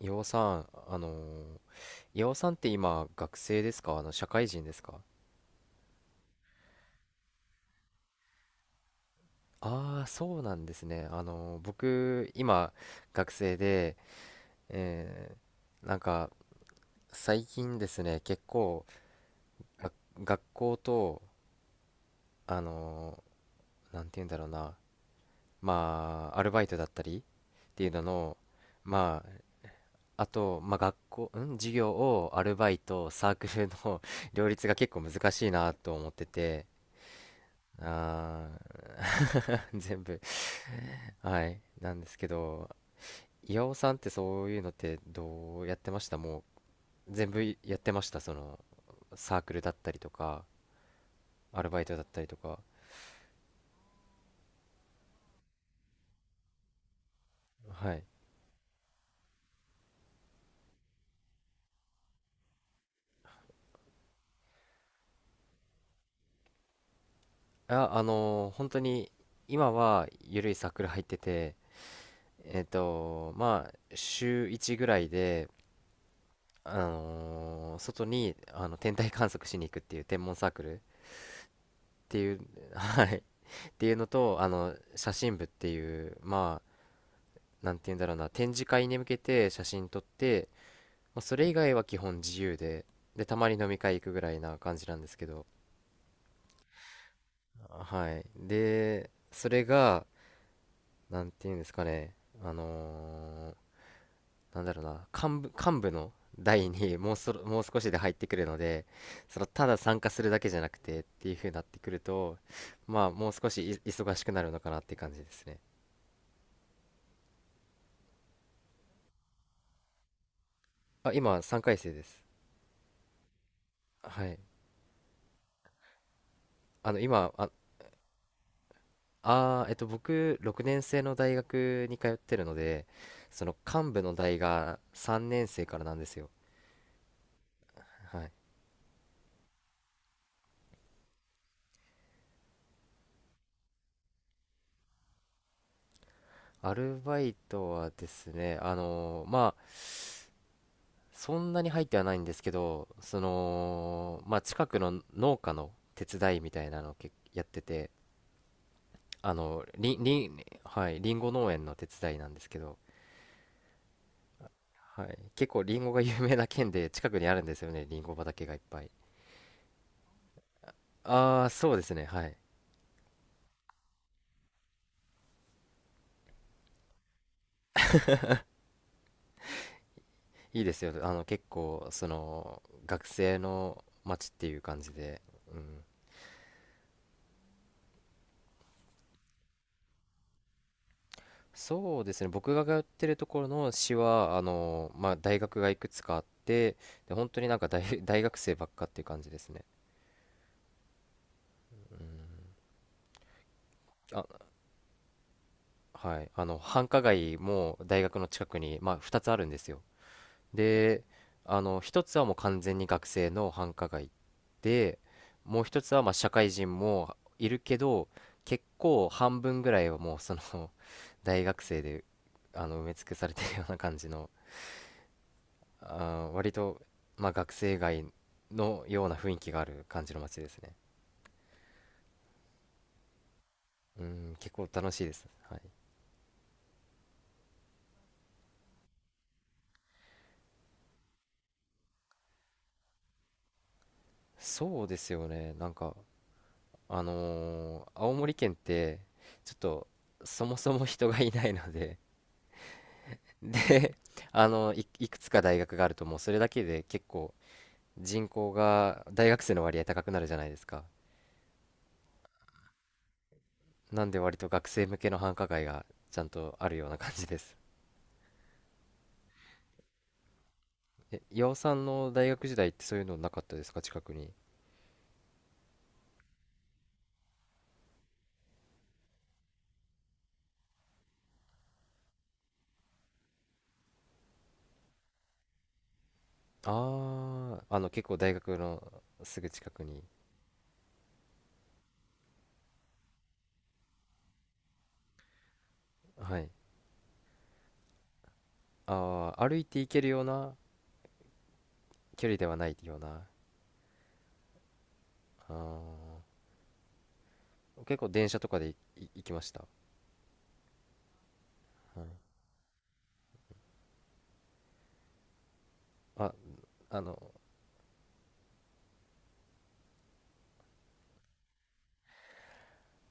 岩尾さん、岩尾さんって今学生ですか？社会人ですか？ああー、そうなんですね。僕今学生で、えーなんか最近ですね、結構が学校とあのなんて言うんだろうな、まあアルバイトだったりっていうのの、まああと、まあ、学校、うん、授業をアルバイト、サークルの 両立が結構難しいなと思ってて。あー 全部。はい。なんですけど、岩尾さんってそういうのってどうやってましたも全部やってましたその、サークルだったりとか、アルバイトだったりとか。はい。あ、本当に今は緩いサークル入ってて、えっと、まあ、週1ぐらいで、外に天体観測しに行くっていう天文サークルっていう、はい、っていうのと、あの、写真部っていう、まあ、なんて言うんだろうな、展示会に向けて写真撮って、まあ、それ以外は基本自由で、で、たまに飲み会行くぐらいな感じなんですけど、あはい。で、それが、なんていうんですかね、あのーなんだろうな、幹部の代に もう少しで入ってくるので、その、ただ参加するだけじゃなくてっていう風になってくると、まあ、もう少しい忙しくなるのかなって感じですね。あ、今、3回生です。はい。あの、今、あああ、えっと、僕、6年生の大学に通ってるので、その幹部の代が3年生からなんですよ。はい。アルバイトはですね、まあ、そんなに入ってはないんですけど、その、まあ、近くの農家の手伝いみたいなのをけやってて、あの、りん、りん、はい、りんご農園の手伝いなんですけど、はい、結構りんごが有名な県で、近くにあるんですよね、りんご畑がいっぱい。ああ、そうですね、はい。いいですよ。あの、結構、その、学生の街っていう感じで、うん。そうですね、僕が通ってるところの市は、あの、まあ、大学がいくつかあって、で、本当になんか大学生ばっかっていう感じですね。あ、はい。あの、繁華街も大学の近くに、まあ、2つあるんですよ。で、あの、一つはもう完全に学生の繁華街で、もう一つはまあ社会人もいるけど、結構半分ぐらいはもうその 大学生で埋め尽くされてるような感じの、あー割とまあ学生街のような雰囲気がある感じの街ですね。うん、結構楽しいです。はい。そうですよね。なんか、青森県って、ちょっとそもそも人がいないので、で、あの、いくつか大学があるともうそれだけで結構人口が大学生の割合高くなるじゃないですか。なんで割と学生向けの繁華街がちゃんとあるような感じです。え、岩尾さんの大学時代ってそういうのなかったですか？近くに。ああ、あの結構大学のすぐ近くに。はい。ああ、歩いて行けるような距離ではないような。ああ、結構電車とかで行きました。はい。あ、あの、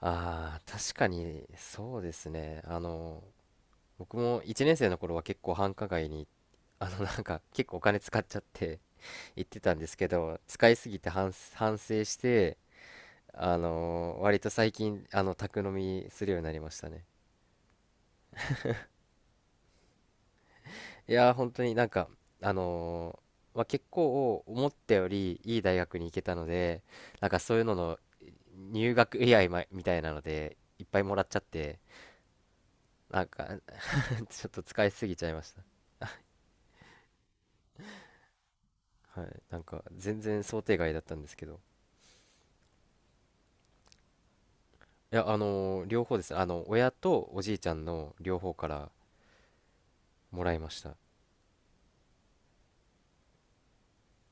あ、確かにそうですね。あの、僕も1年生の頃は結構繁華街に、あの、なんか結構お金使っちゃって行ってたんですけど、使いすぎて反省して、あの、割と最近、あの、宅飲みするようになりましたね。いやー、本当になんか、あのまあ、結構思ったよりいい大学に行けたので、なんかそういうのの入学祝いみたいなので、いっぱいもらっちゃって、なんか ちょっと使いすぎちゃいました。はい、なんか全然想定外だったんですけど。いや、両方ですね。あの、親とおじいちゃんの両方からもらいました。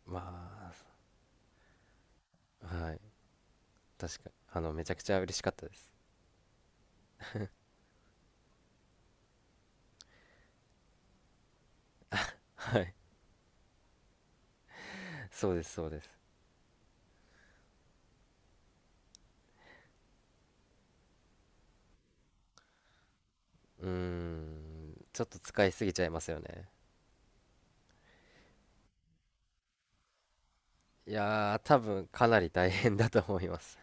まあ、はい、確か、あの、めちゃくちゃ嬉しかったです。そうです、そうです。うーん、ちょっと使いすぎちゃいますよね。いやー、多分かなり大変だと思います。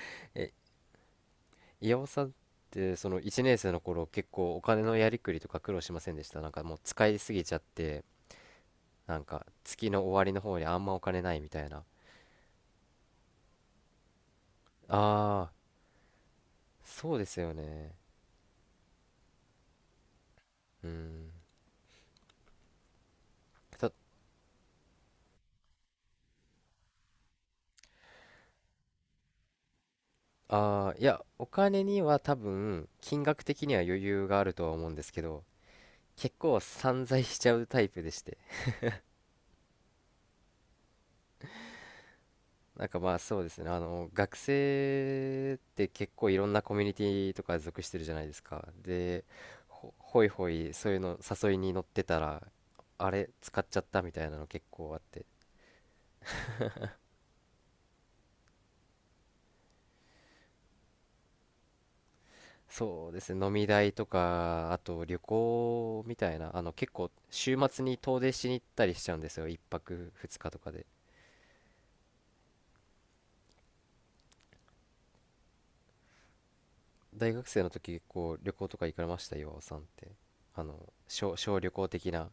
え、岩尾さんって、その1年生の頃、結構お金のやりくりとか苦労しませんでした？なんかもう使いすぎちゃって、なんか月の終わりの方にあんまお金ないみたいな。あ、そうですよね。うん。た、あーいや、お金には多分、金額的には余裕があるとは思うんですけど、結構散財しちゃうタイプでして。なんかまあそうですね、あの、学生って結構いろんなコミュニティとか属してるじゃないですか。で、ほいほい、そういうの誘いに乗ってたら、あれ、使っちゃったみたいなの結構あって。そうですね、飲み代とか、あと旅行みたいな、あの結構週末に遠出しに行ったりしちゃうんですよ、一泊二日とかで。大学生の時結構旅行とか行かれました？岩尾さんって。あの、小旅行的な。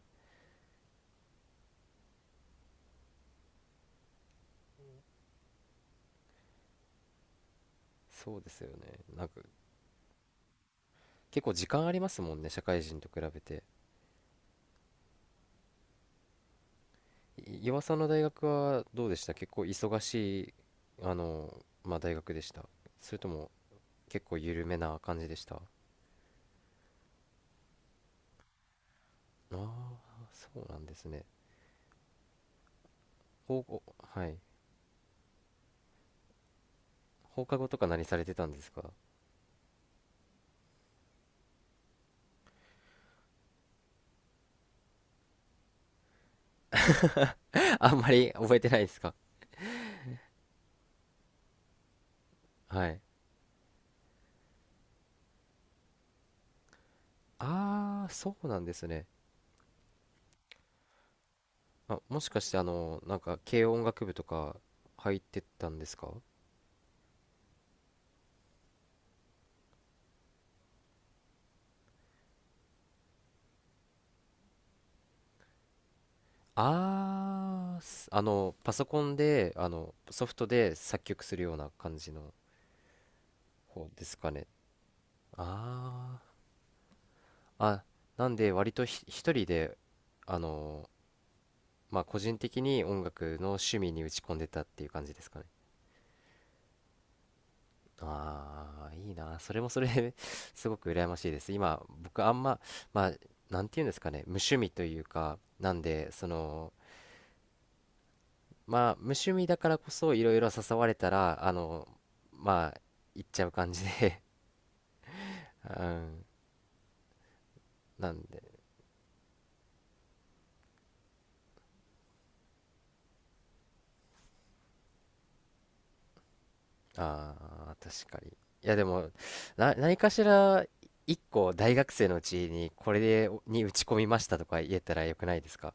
そうですよね。なんか結構時間ありますもんね、社会人と比べて。岩尾さんの大学はどうでした？結構忙しい、あの、まあ大学でした？それとも結構緩めな感じでした？ああー、そうなんですね。高校、おはい。放課後とか何されてたんですか？ あんまり覚えてないですか？はい。ああーそうなんですね。あ、もしかしてあのなんか軽音楽部とか入ってたんですか？ああー、す、あのパソコンであのソフトで作曲するような感じの方ですかね？あああ、なんで割と一人であのまあ個人的に音楽の趣味に打ち込んでたっていう感じですかね？ああ、いいな。それもそれで すごく羨ましいです。今、僕あんま、まあ、なんていうんですかね、無趣味というか、なんで、その、まあ、無趣味だからこそ、いろいろ誘われたら、あの、まあ、行っちゃう感じで うん。なんで、ああ、確かに。いや、でも、何かしら、一個大学生のうちに、これで、に打ち込みましたとか言えたらよくないですか？